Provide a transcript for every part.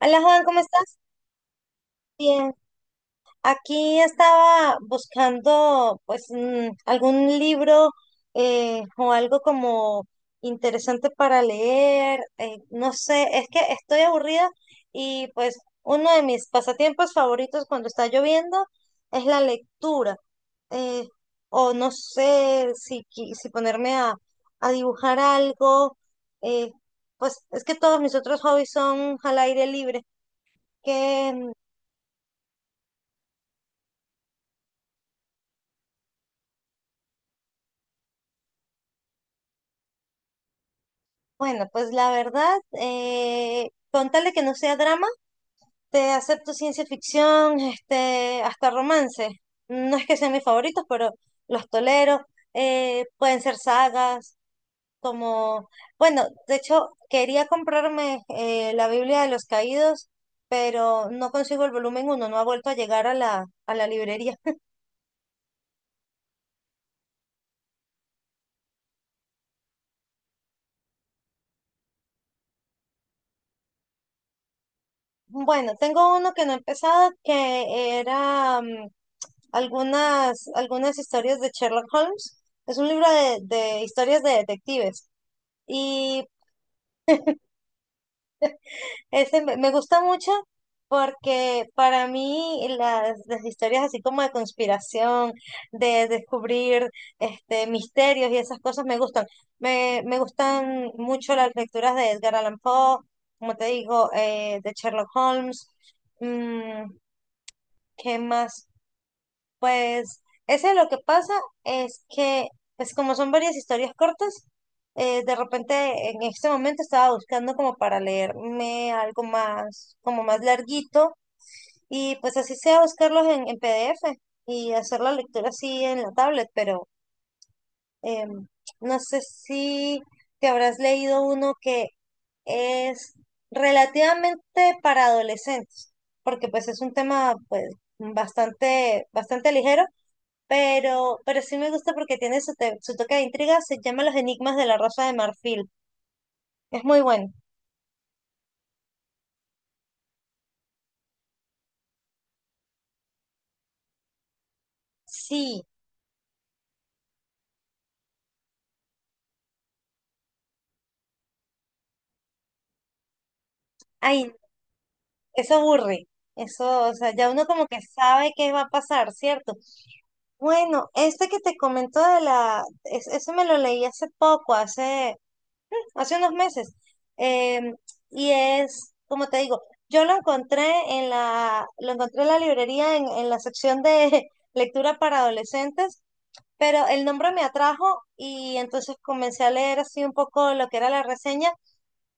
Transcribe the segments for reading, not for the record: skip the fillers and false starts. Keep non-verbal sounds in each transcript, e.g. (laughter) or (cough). Hola Juan, ¿cómo estás? Bien. Aquí estaba buscando algún libro o algo como interesante para leer. No sé, es que estoy aburrida y pues uno de mis pasatiempos favoritos cuando está lloviendo es la lectura. eh, o no sé si, si ponerme a dibujar algo. eh, pues es que todos mis otros hobbies son al aire libre. Bueno, pues la verdad, con tal de que no sea drama, te acepto ciencia ficción, hasta romance. No es que sean mis favoritos, pero los tolero. Pueden ser sagas, como, bueno, de hecho, quería comprarme la Biblia de los Caídos, pero no consigo el volumen 1, no ha vuelto a llegar a a la librería. Bueno, tengo uno que no he empezado, que era algunas historias de Sherlock Holmes. Es un libro de historias de detectives. Y ese me gusta mucho porque para mí las historias así como de conspiración, de descubrir misterios y esas cosas me gustan. Me gustan mucho las lecturas de Edgar Allan Poe, como te digo, de Sherlock Holmes. Mm, ¿qué más? Pues ese lo que pasa es que, pues como son varias historias cortas, de repente en este momento estaba buscando como para leerme algo más, como más larguito, y pues así sea buscarlos en PDF y hacer la lectura así en la tablet, pero em, no sé si te habrás leído uno que es relativamente para adolescentes, porque pues es un tema pues bastante, bastante ligero pero sí me gusta porque tiene su, su toque de intriga, se llama Los Enigmas de la Rosa de Marfil. Es muy bueno. Sí, ay, eso aburre. Eso, o sea, ya uno como que sabe qué va a pasar, ¿cierto? Bueno, este que te comento de ese me lo leí hace poco, hace, hace unos meses. em, y es, como te digo, yo lo encontré en lo encontré en la librería en la sección de (laughs) lectura para adolescentes pero el nombre me atrajo y entonces comencé a leer así un poco lo que era la reseña,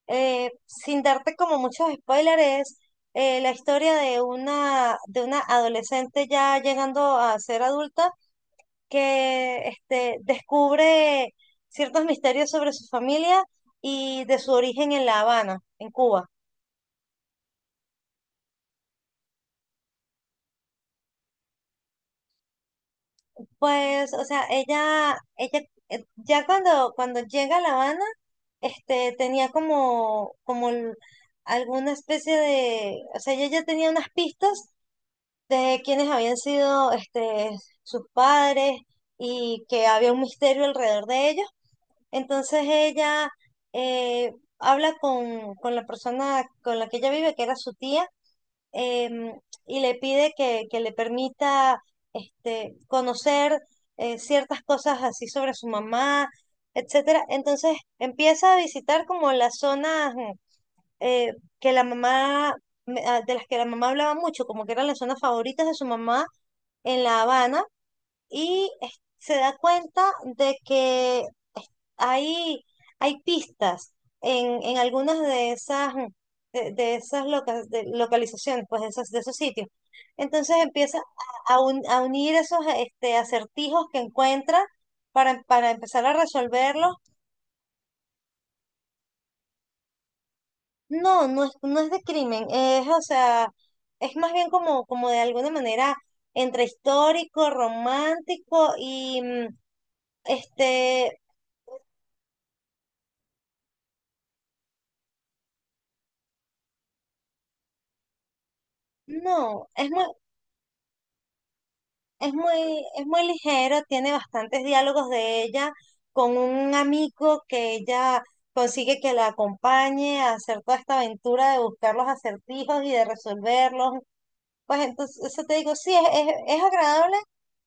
sin darte como muchos spoilers, es la historia de una adolescente ya llegando a ser adulta que descubre ciertos misterios sobre su familia y de su origen en La Habana, en Cuba. Pues, o sea, ella ya cuando, cuando llega a La Habana, tenía como, como alguna especie de, o sea, ella ya tenía unas pistas de quiénes habían sido, sus padres y que había un misterio alrededor de ellos. Entonces ella eh, habla con la persona con la que ella vive, que era su tía, em, y le pide que le permita conocer ciertas cosas así sobre su mamá, etcétera. Entonces empieza a visitar como las zonas eh, que la mamá, de las que la mamá hablaba mucho, como que eran las zonas favoritas de su mamá en La Habana, y se da cuenta de que hay, hay pistas en algunas de esas, de de localizaciones, pues de esos sitios. Entonces empieza a a unir esos acertijos que encuentra para empezar a resolverlos. No, no es, no es de crimen, es, o sea, es más bien como, como de alguna manera entre histórico, romántico y este, no, es muy. Es muy, es muy ligero, tiene bastantes diálogos de ella con un amigo que ella consigue que la acompañe a hacer toda esta aventura de buscar los acertijos y de resolverlos. Pues entonces, eso te digo, sí, es agradable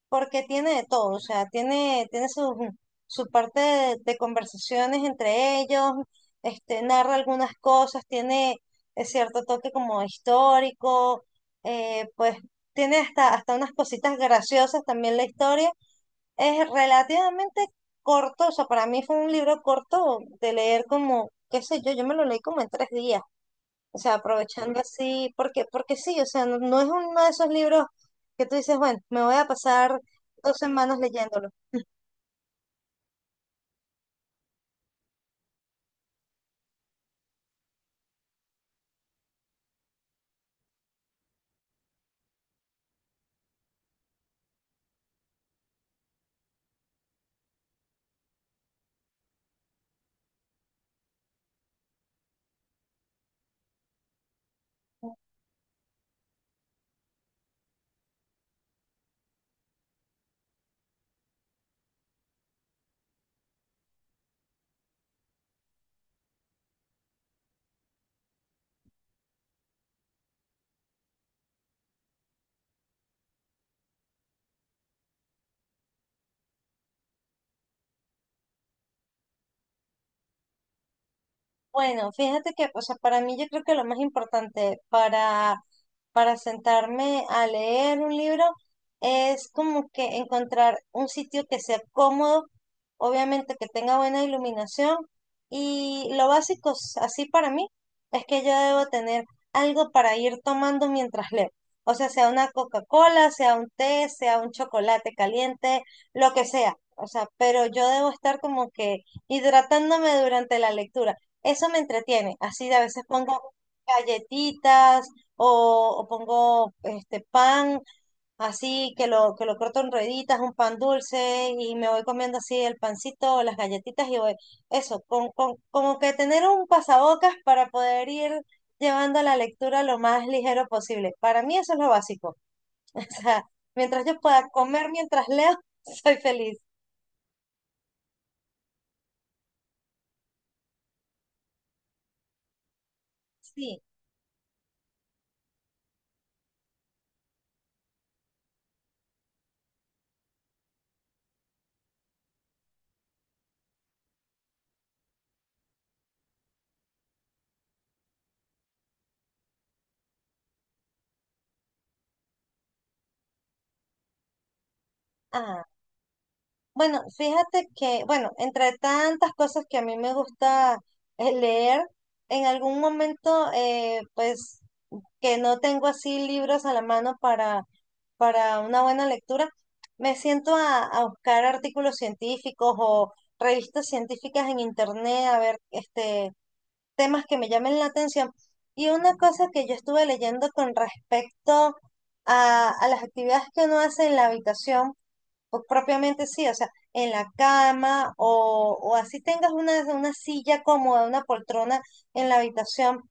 porque tiene de todo, o sea, tiene, tiene su, su parte de conversaciones entre ellos, narra algunas cosas, tiene cierto toque como histórico, pues tiene hasta, hasta unas cositas graciosas también la historia. Es relativamente corto, o sea, para mí fue un libro corto de leer como, qué sé yo, yo me lo leí como en 3 días. O sea, aprovechando así, porque, porque sí, o sea, no, no es uno de esos libros que tú dices, bueno, me voy a pasar 2 semanas leyéndolo. Bueno, fíjate que, o sea, para mí yo creo que lo más importante para sentarme a leer un libro es como que encontrar un sitio que sea cómodo, obviamente que tenga buena iluminación y lo básico así para mí es que yo debo tener algo para ir tomando mientras leo. O sea, sea una Coca-Cola, sea un té, sea un chocolate caliente, lo que sea. O sea, pero yo debo estar como que hidratándome durante la lectura. Eso me entretiene. Así a veces pongo galletitas o pongo este pan así que que lo corto en rueditas, un pan dulce y me voy comiendo así el pancito, las galletitas y voy, eso, como que tener un pasabocas para poder ir llevando la lectura lo más ligero posible. Para mí eso es lo básico. (laughs) O sea, mientras yo pueda comer mientras leo, (laughs) soy feliz. Sí. Ah, bueno, fíjate que, bueno, entre tantas cosas que a mí me gusta leer, en algún momento, pues que no tengo así libros a la mano para una buena lectura, me siento a buscar artículos científicos o revistas científicas en internet, a ver temas que me llamen la atención. Y una cosa que yo estuve leyendo con respecto a las actividades que uno hace en la habitación, pues propiamente sí, o sea, en la cama o así tengas una silla cómoda, una poltrona en la habitación,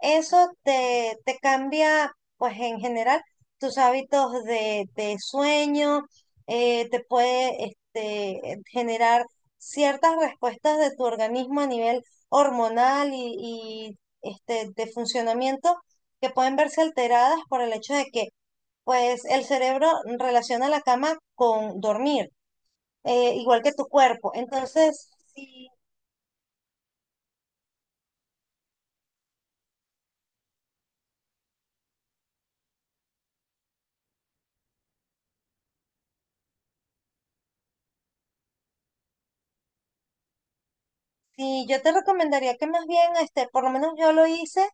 eso te, te cambia, pues en general, tus hábitos de sueño, te puede generar ciertas respuestas de tu organismo a nivel hormonal y, de funcionamiento que pueden verse alteradas por el hecho de que pues el cerebro relaciona la cama con dormir, igual que tu cuerpo. Entonces, si yo te recomendaría que más bien, por lo menos yo lo hice,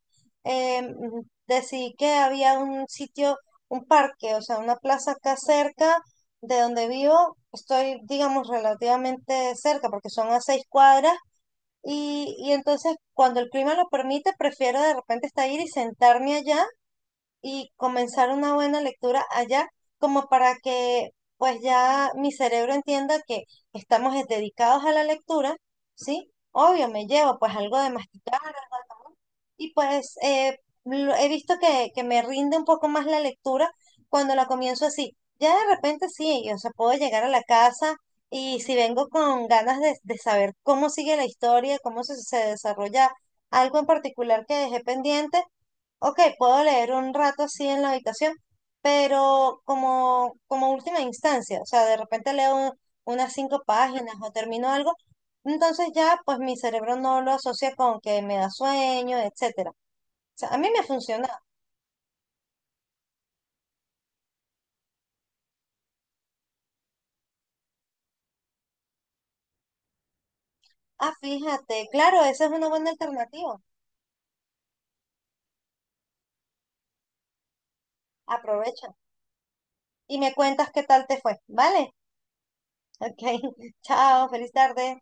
eh, mm, decidí que había un sitio, un parque, o sea, una plaza acá cerca de donde vivo. Estoy, digamos, relativamente cerca porque son a 6 cuadras. Y entonces, cuando el clima lo permite, prefiero de repente estar ir y sentarme allá y comenzar una buena lectura allá, como para que pues ya mi cerebro entienda que estamos dedicados a la lectura, ¿sí? Obvio, me llevo pues algo de masticar, algo de comer, y pues he visto que me rinde un poco más la lectura cuando la comienzo así. Ya de repente sí, yo, o sea, puedo llegar a la casa y si vengo con ganas de saber cómo sigue la historia, cómo se, se desarrolla algo en particular que dejé pendiente, ok, puedo leer un rato así en la habitación, pero como, como última instancia, o sea, de repente leo unas 5 páginas o termino algo, entonces ya pues mi cerebro no lo asocia con que me da sueño, etcétera. O sea, a mí me funciona. Ah, fíjate, claro, esa es una buena alternativa. Aprovecha y me cuentas qué tal te fue, ¿vale? (laughs) Ok, (laughs) chao, feliz tarde.